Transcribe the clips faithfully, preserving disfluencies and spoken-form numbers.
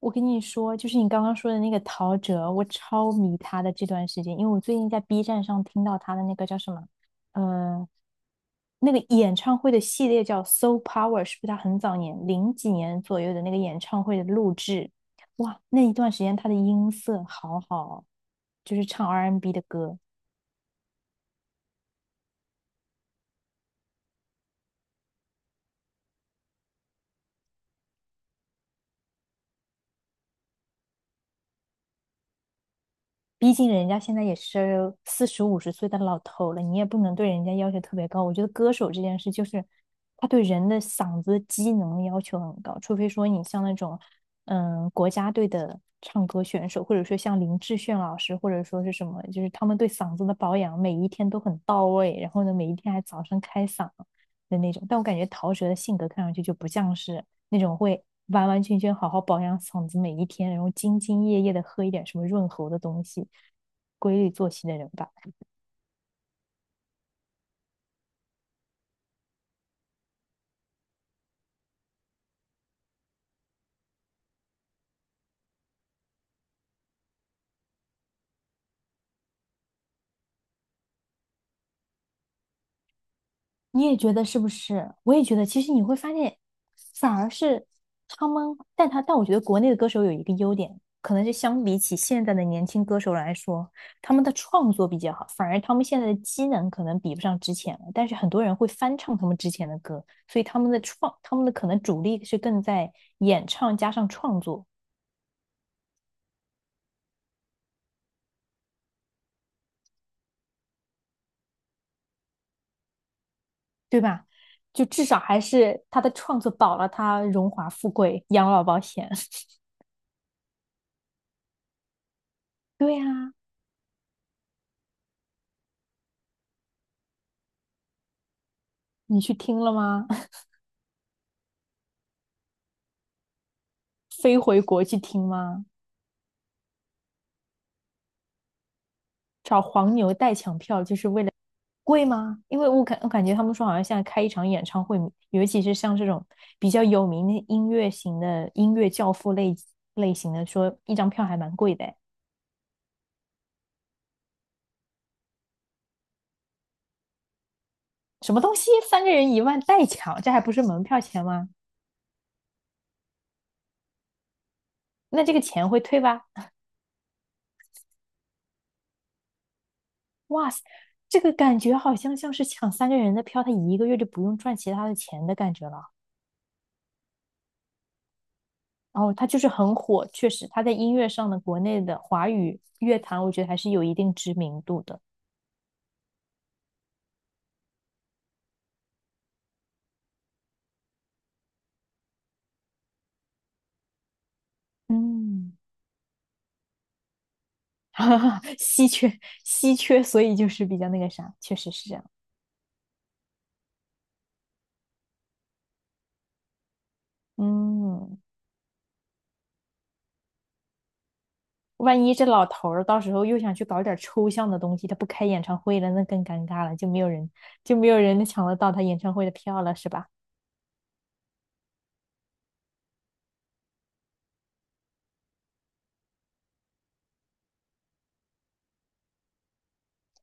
我跟你说，就是你刚刚说的那个陶喆，我超迷他的这段时间，因为我最近在 B 站上听到他的那个叫什么，呃，那个演唱会的系列叫《s o Power》，是不是他很早年零几年左右的那个演唱会的录制？哇，那一段时间他的音色好好哦。就是唱 R and B n 的歌。毕竟人家现在也是四十五十岁的老头了，你也不能对人家要求特别高。我觉得歌手这件事就是，他对人的嗓子机能要求很高，除非说你像那种，嗯，国家队的唱歌选手，或者说像林志炫老师，或者说是什么，就是他们对嗓子的保养每一天都很到位，然后呢，每一天还早上开嗓的那种。但我感觉陶喆的性格看上去就不像是，那种会完完全全好好保养嗓子每一天，然后兢兢业业的喝一点什么润喉的东西，规律作息的人吧。你也觉得是不是？我也觉得，其实你会发现，反而是他们，但他但我觉得国内的歌手有一个优点，可能是相比起现在的年轻歌手来说，他们的创作比较好，反而他们现在的机能可能比不上之前了。但是很多人会翻唱他们之前的歌，所以他们的创，他们的可能主力是更在演唱加上创作。对吧？就至少还是他的创作保了他荣华富贵、养老保险。对呀、啊。你去听了吗？飞回国去听吗？找黄牛代抢票就是为了贵吗？因为我感我感觉他们说好像现在开一场演唱会，尤其是像这种比较有名的音乐型的音乐教父类类型的，说一张票还蛮贵的哎。什么东西？三个人一万代抢，这还不是门票钱吗？那这个钱会退吧？哇塞，这个感觉好像像是抢三个人的票，他一个月就不用赚其他的钱的感觉了。然后他就是很火，确实他在音乐上的国内的华语乐坛，我觉得还是有一定知名度的。嗯，稀缺稀缺，所以就是比较那个啥，确实是这样。嗯，万一这老头儿到时候又想去搞点抽象的东西，他不开演唱会了，那更尴尬了，就没有人就没有人抢得到他演唱会的票了，是吧？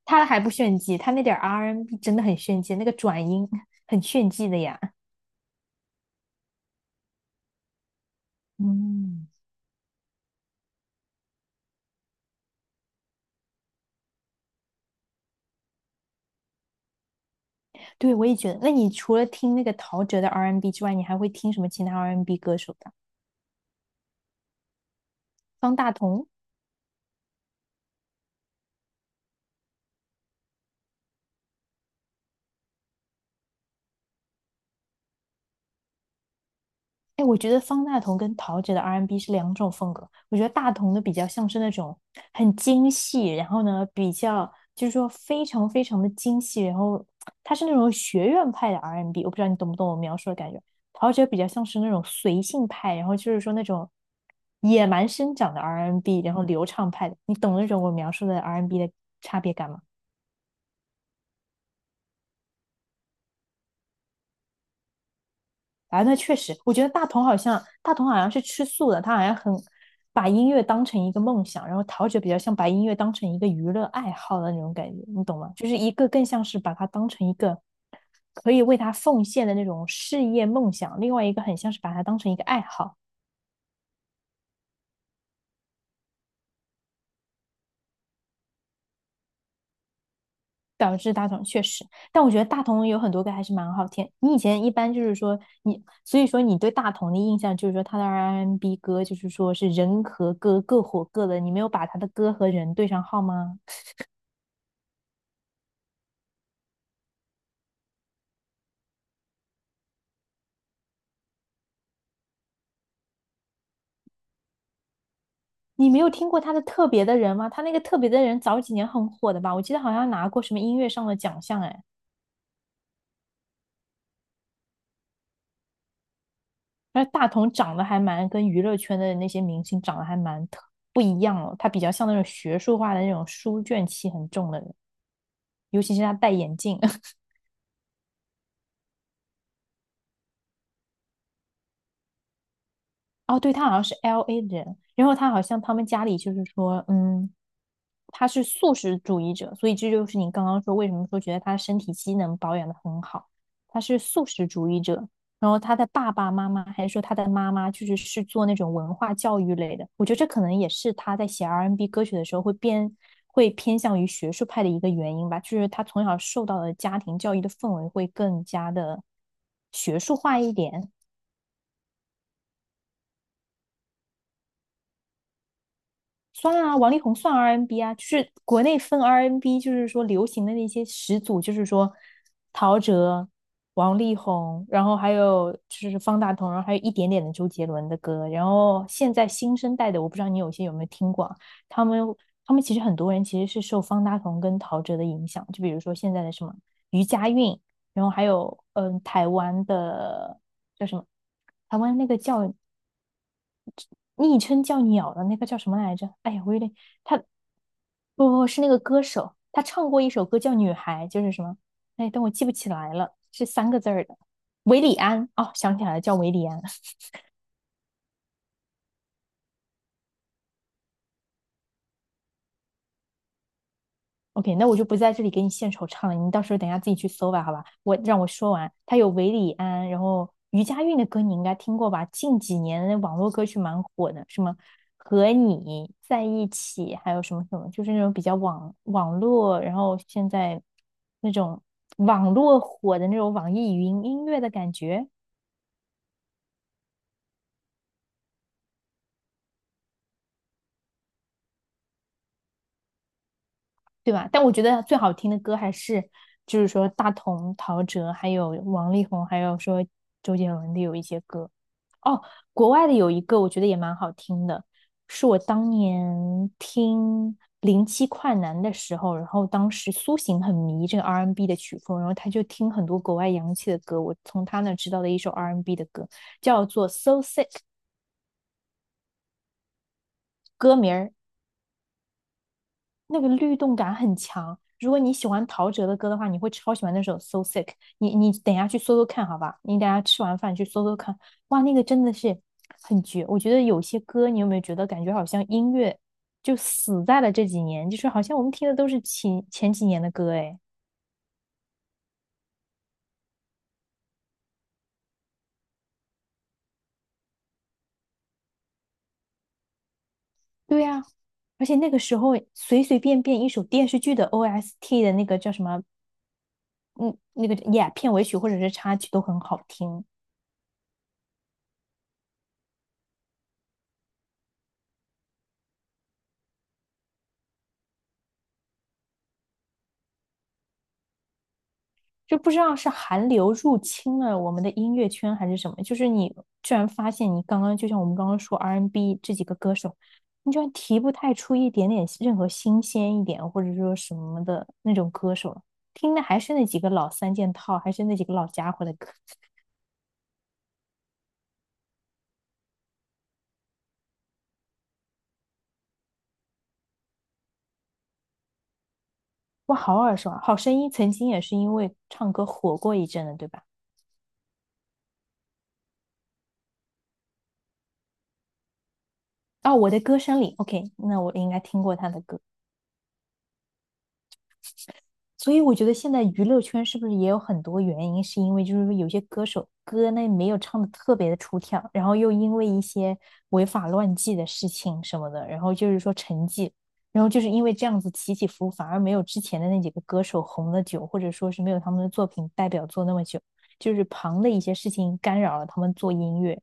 他还不炫技，他那点 R and B n 真的很炫技，那个转音很炫技的呀。嗯，对，我也觉得。那你除了听那个陶喆的 R and B n 之外，你还会听什么其他 R and B n 歌手的？方大同哎，我觉得方大同跟陶喆的 R and B 是两种风格。我觉得大同的比较像是那种很精细，然后呢，比较就是说非常非常的精细，然后他是那种学院派的 R&B。我不知道你懂不懂我描述的感觉。陶喆比较像是那种随性派，然后就是说那种野蛮生长的 R and B，然后流畅派的。你懂那种我描述的 R and B 的差别感吗？啊，那确实，我觉得大同好像大同好像是吃素的，他好像很把音乐当成一个梦想，然后陶喆比较像把音乐当成一个娱乐爱好的那种感觉，你懂吗？就是一个更像是把它当成一个可以为他奉献的那种事业梦想，另外一个很像是把它当成一个爱好。导致大同确实，但我觉得大同有很多歌还是蛮好听。你以前一般就是说你，所以说你对大同的印象就是说他的 R&B 歌就是说是人和歌各火各的，你没有把他的歌和人对上号吗？你没有听过他的《特别的人》吗？他那个《特别的人》早几年很火的吧？我记得好像拿过什么音乐上的奖项哎。而大同长得还蛮跟娱乐圈的那些明星长得还蛮特不一样哦，他比较像那种学术化的那种书卷气很重的人，尤其是他戴眼镜。哦，对，他好像是 L A 的人，然后他好像他们家里就是说，嗯，他是素食主义者，所以这就是你刚刚说为什么说觉得他身体机能保养的很好，他是素食主义者。然后他的爸爸妈妈还是说他的妈妈就是是做那种文化教育类的，我觉得这可能也是他在写 R and B n 歌曲的时候会变会偏向于学术派的一个原因吧，就是他从小受到的家庭教育的氛围会更加的学术化一点。算啊，王力宏算 R and B N 啊，就是国内分 R and B，N 就是说流行的那些始祖，就是说陶喆、王力宏，然后还有就是方大同，然后还有一点点的周杰伦的歌，然后现在新生代的，我不知道你有些有没有听过啊他们他们其实很多人其实是受方大同跟陶喆的影响，就比如说现在的什么余佳韵，然后还有嗯、呃台湾的叫什么，台湾那个叫昵称叫鸟的那个叫什么来着？哎呀，我有点，他不不是那个歌手，他唱过一首歌叫《女孩》，就是什么？哎，但我记不起来了，是三个字儿的。韦礼安，哦，想起来了，叫韦礼安。OK，那我就不在这里给你献丑唱了，你到时候等一下自己去搜吧，好吧？我让我说完，他有韦礼安，然后余佳韵的歌你应该听过吧？近几年网络歌曲蛮火的，什么和你在一起，还有什么什么，就是那种比较网网络，然后现在那种网络火的那种网易云音乐的感觉。对吧？但我觉得最好听的歌还是，就是说大同、陶喆，还有王力宏，还有说周杰伦的有一些歌。哦，国外的有一个我觉得也蛮好听的，是我当年听零七快男的时候，然后当时苏醒很迷这个 R and B n 的曲风，然后他就听很多国外洋气的歌，我从他那知道的一首 R and B n 的歌叫做《So Sick》，歌名那个律动感很强。如果你喜欢陶喆的歌的话，你会超喜欢那首《So Sick》。你你等一下去搜搜看，好吧？你等一下吃完饭去搜搜看。哇，那个真的是很绝。我觉得有些歌，你有没有觉得感觉好像音乐就死在了这几年？就是好像我们听的都是前前几年的歌，哎，对呀、而且那个时候随随便便一首电视剧的 O S T 的那个叫什么，嗯，那个 Yeah 片尾曲或者是插曲都很好听。就不知道是韩流入侵了我们的音乐圈还是什么，就是你居然发现你刚刚就像我们刚刚说 R B n 这几个歌手，你居然提不太出一点点任何新鲜一点或者说什么的那种歌手了。听的还是那几个老三件套，还是那几个老家伙的歌。哇，好耳熟啊！好声音曾经也是因为唱歌火过一阵的，对吧？哦，我的歌声里，OK，那我应该听过他的歌。所以我觉得现在娱乐圈是不是也有很多原因，是因为就是说有些歌手歌呢没有唱的特别的出挑，然后又因为一些违法乱纪的事情什么的，然后就是说沉寂，然后就是因为这样子起起伏伏，反而没有之前的那几个歌手红的久，或者说是没有他们的作品代表作那么久，就是旁的一些事情干扰了他们做音乐。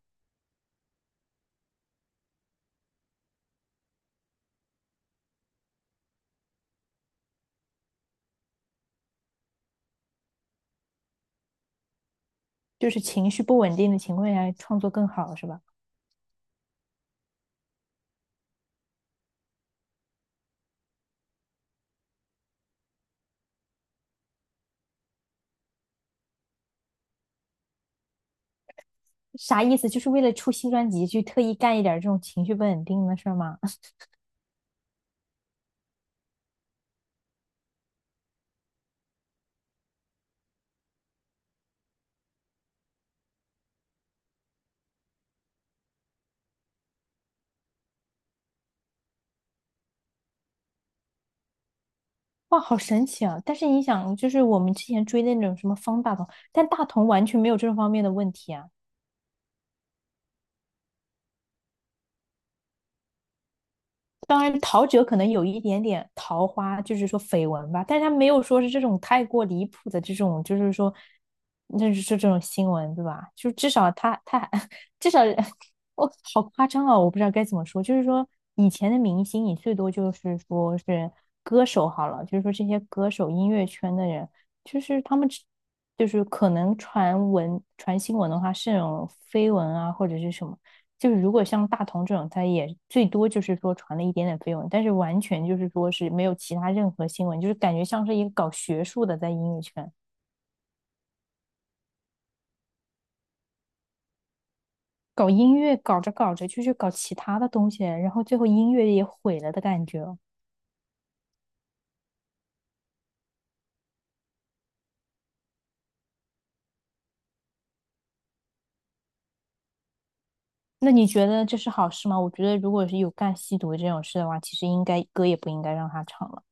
就是情绪不稳定的情况下创作更好，是吧？啥意思？就是为了出新专辑去特意干一点这种情绪不稳定的事儿吗？哇，好神奇啊！但是你想，就是我们之前追的那种什么方大同，但大同完全没有这方面的问题啊。当然，陶喆可能有一点点桃花，就是说绯闻吧，但是他没有说是这种太过离谱的这种，就是说，那是这种新闻，对吧？就至少他他 至少我哦好夸张啊、哦我不知道该怎么说，就是说以前的明星，你最多就是说是歌手好了，就是说这些歌手音乐圈的人，就是他们就是可能传闻传新闻的话是那种绯闻啊或者是什么。就是如果像大同这种，他也最多就是说传了一点点绯闻，但是完全就是说是没有其他任何新闻，就是感觉像是一个搞学术的在音乐圈搞音乐，搞着搞着就去搞其他的东西，然后最后音乐也毁了的感觉哦。那你觉得这是好事吗？我觉得如果是有干吸毒这种事的话，其实应该歌也不应该让他唱了。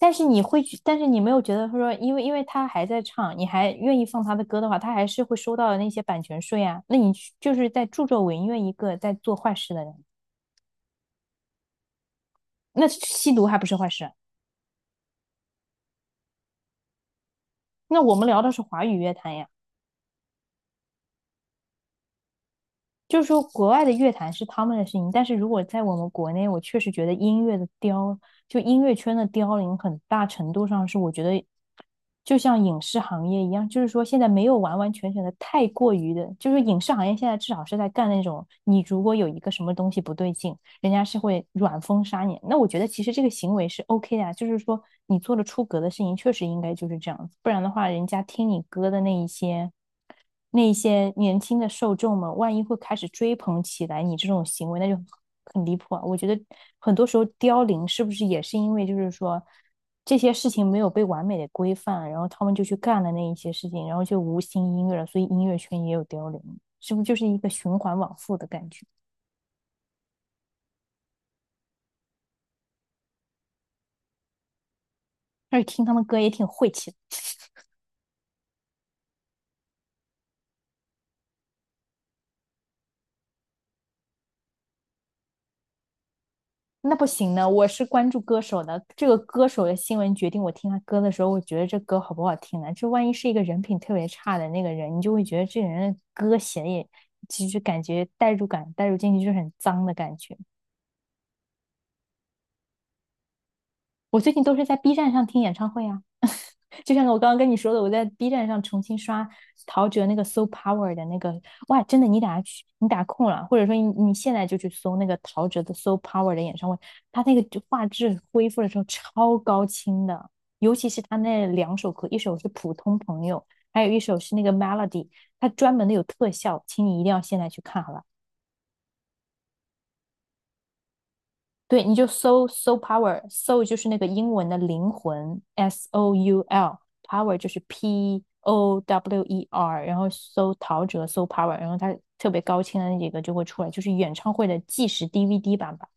但是你会觉，但是你没有觉得说，因为因为他还在唱，你还愿意放他的歌的话，他还是会收到那些版权税啊。那你就是在助纣为虐一个在做坏事的人，那吸毒还不是坏事？那我们聊的是华语乐坛呀。就是说国外的乐坛是他们的事情，但是如果在我们国内，我确实觉得音乐的凋，就音乐圈的凋零，很大程度上是我觉得就像影视行业一样，就是说现在没有完完全全的太过于的，就是影视行业现在至少是在干那种，你如果有一个什么东西不对劲，人家是会软封杀你。那我觉得其实这个行为是 OK 的啊，就是说你做了出格的事情，确实应该就是这样子，不然的话，人家听你歌的那一些那一些年轻的受众们，万一会开始追捧起来你这种行为，那就很离谱啊！我觉得很多时候凋零是不是也是因为就是说，这些事情没有被完美的规范，然后他们就去干了那一些事情，然后就无心音乐了，所以音乐圈也有凋零，是不是就是一个循环往复的感觉？而且听他们歌也挺晦气的。那不行呢，我是关注歌手的，这个歌手的新闻决定我听他歌的时候，我觉得这歌好不好听呢？这万一是一个人品特别差的那个人，你就会觉得这个人的歌写的也，就是感觉代入感带入进去就是很脏的感觉。我最近都是在 B 站上听演唱会啊，就像我刚刚跟你说的，我在 B 站上重新刷陶喆那个《So Power》的那个，哇，真的，你打去，你打空了，或者说你你现在就去搜那个陶喆的《So Power》的演唱会，他那个画质恢复的时候超高清的，尤其是他那两首歌，一首是《普通朋友》，还有一首是那个《Melody》，他专门的有特效，请你一定要现在去看，好吧？对，你就搜搜 p o w e r 搜就是那个英文的灵魂，S O U L，power 就是 P O W E R，然后搜陶喆，搜 power，然后它特别高清的那几个就会出来，就是演唱会的计时 D V D 版吧。